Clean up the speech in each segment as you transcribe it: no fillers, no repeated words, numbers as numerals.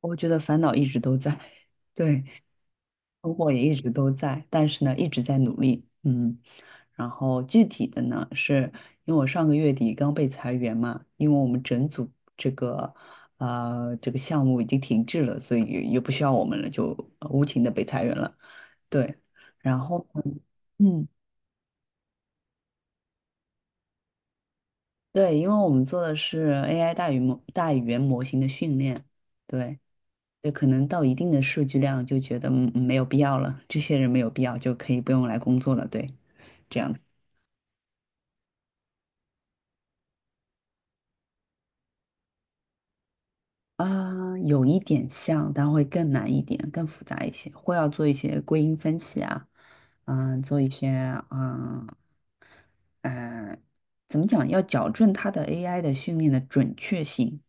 我觉得烦恼一直都在，对，困惑也一直都在，但是呢，一直在努力，嗯。然后具体的呢，是因为我上个月底刚被裁员嘛，因为我们整组这个这个项目已经停滞了，所以也不需要我们了，就无情的被裁员了。对，然后呢嗯，对，因为我们做的是 AI 大语言模型的训练，对，对，可能到一定的数据量就觉得没有必要了，这些人没有必要就可以不用来工作了，对，这样子。啊，有一点像，但会更难一点，更复杂一些，会要做一些归因分析啊，嗯，做一些嗯嗯，怎么讲，要矫正它的 AI 的训练的准确性，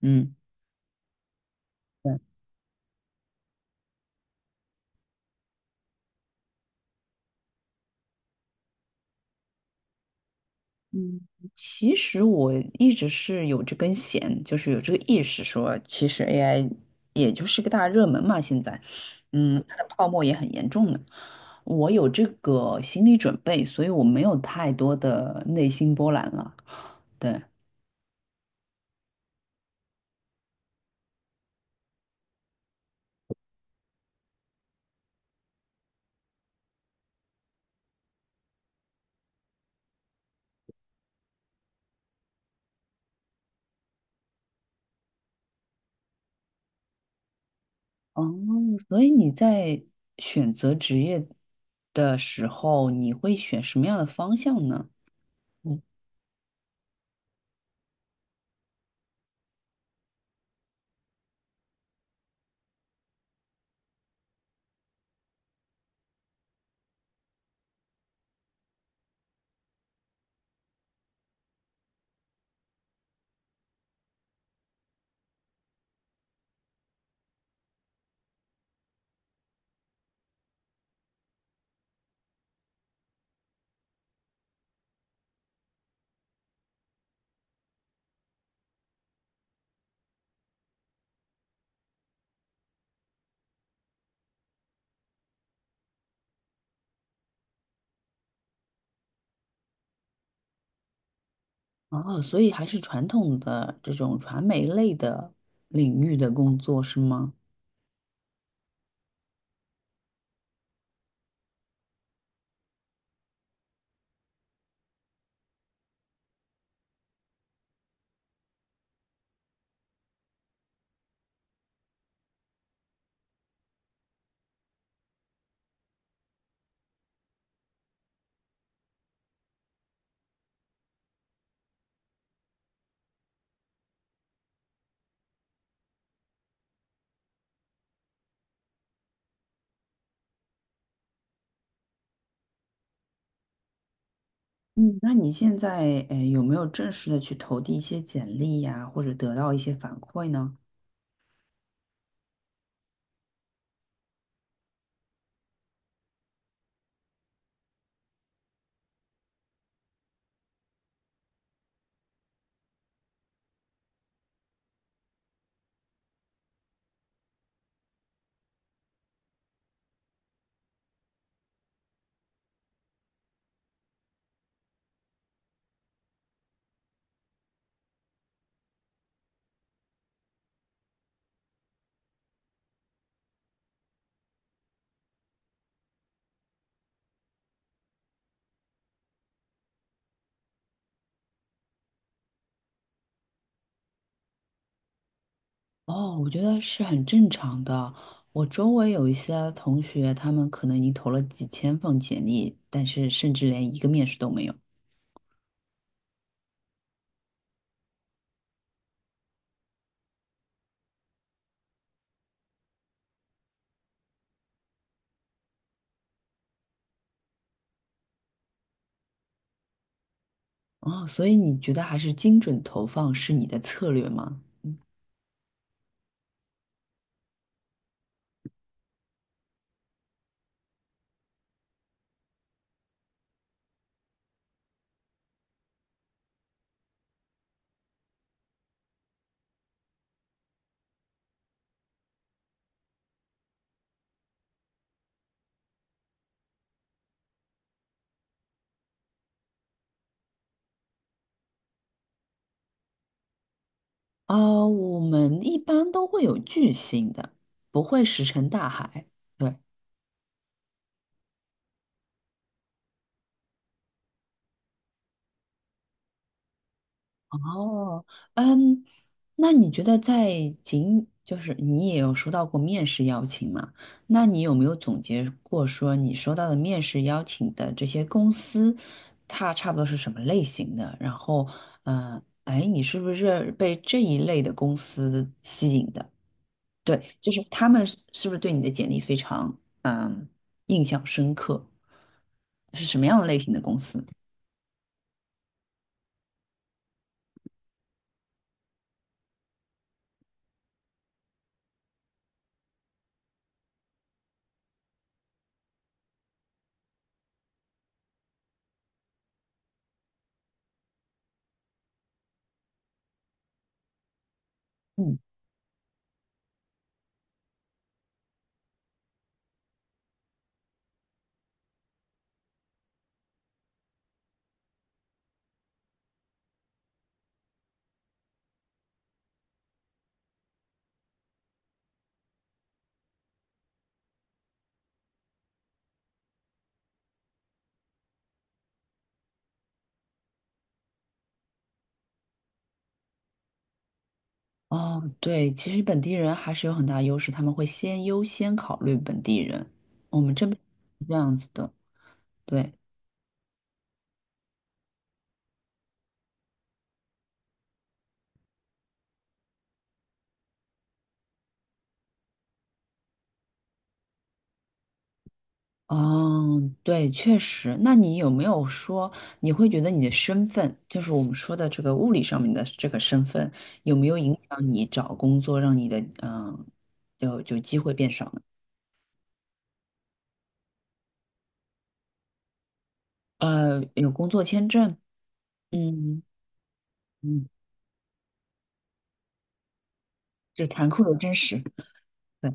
嗯，嗯，其实我一直是有这根弦，就是有这个意识说，其实 AI 也就是个大热门嘛，现在，嗯，它的泡沫也很严重的。我有这个心理准备，所以我没有太多的内心波澜了。对，哦，所以你在选择职业的时候，你会选什么样的方向呢？嗯，哦，所以还是传统的这种传媒类的领域的工作是吗？嗯，那你现在有没有正式的去投递一些简历呀，或者得到一些反馈呢？哦，我觉得是很正常的。我周围有一些同学，他们可能已经投了几千份简历，但是甚至连一个面试都没有。哦，所以你觉得还是精准投放是你的策略吗？啊、我们一般都会有巨星的，不会石沉大海。对。哦，嗯，那你觉得在仅就是你也有收到过面试邀请嘛？那你有没有总结过说你收到的面试邀请的这些公司，它差不多是什么类型的？然后，嗯、哎，你是不是被这一类的公司吸引的？对，就是他们是不是对你的简历非常印象深刻？是什么样的类型的公司？嗯。哦，对，其实本地人还是有很大优势，他们会先优先考虑本地人。我们这边是这样子的，对，哦，对，确实。那你有没有说，你会觉得你的身份，就是我们说的这个物理上面的这个身份，有没有影响你找工作，让你的嗯，有就机会变少呢？呃，有工作签证，嗯嗯，这残酷的真实。对。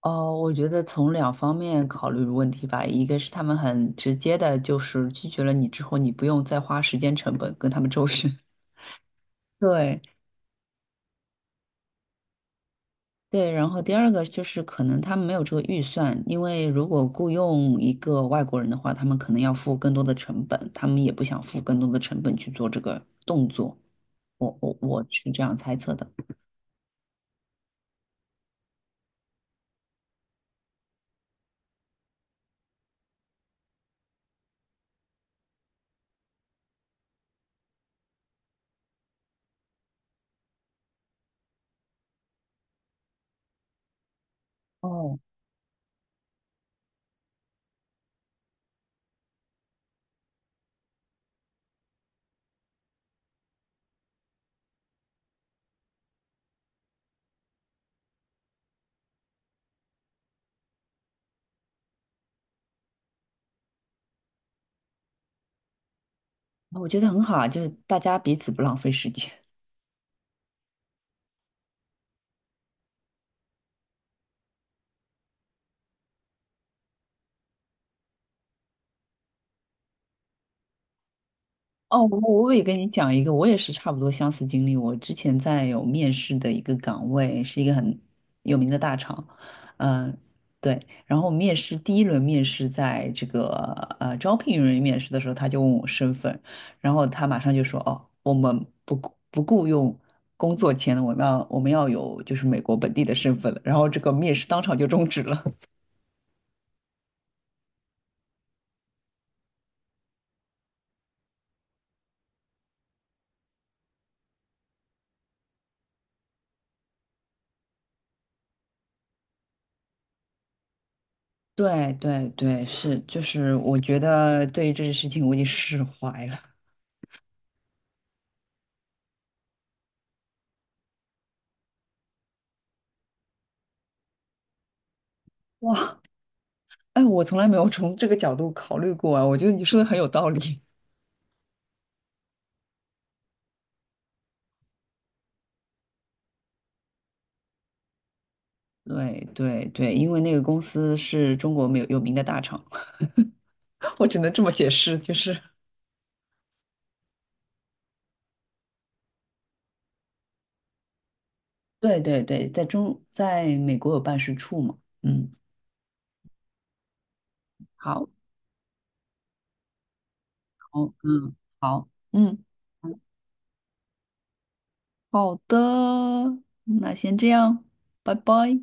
哦，我觉得从两方面考虑问题吧，一个是他们很直接的，就是拒绝了你之后，你不用再花时间成本跟他们周旋。对对，然后第二个就是可能他们没有这个预算，因为如果雇佣一个外国人的话，他们可能要付更多的成本，他们也不想付更多的成本去做这个动作。我是这样猜测的。哦，我觉得很好啊，就是大家彼此不浪费时间。哦，我也跟你讲一个，我也是差不多相似经历。我之前在有面试的一个岗位，是一个很有名的大厂，嗯、对。然后面试第一轮面试，在这个招聘人员面试的时候，他就问我身份，然后他马上就说：“哦，我们不雇佣工作签的，我们要有就是美国本地的身份了。”然后这个面试当场就终止了。对对对，是，就是我觉得对于这件事情我已经释怀了。哇，哎，我从来没有从这个角度考虑过啊，我觉得你说的很有道理。对对对，因为那个公司是中国没有有名的大厂，我只能这么解释，就是，对对对，在美国有办事处嘛，嗯，好，好，嗯，好，嗯，好的，那先这样，拜拜。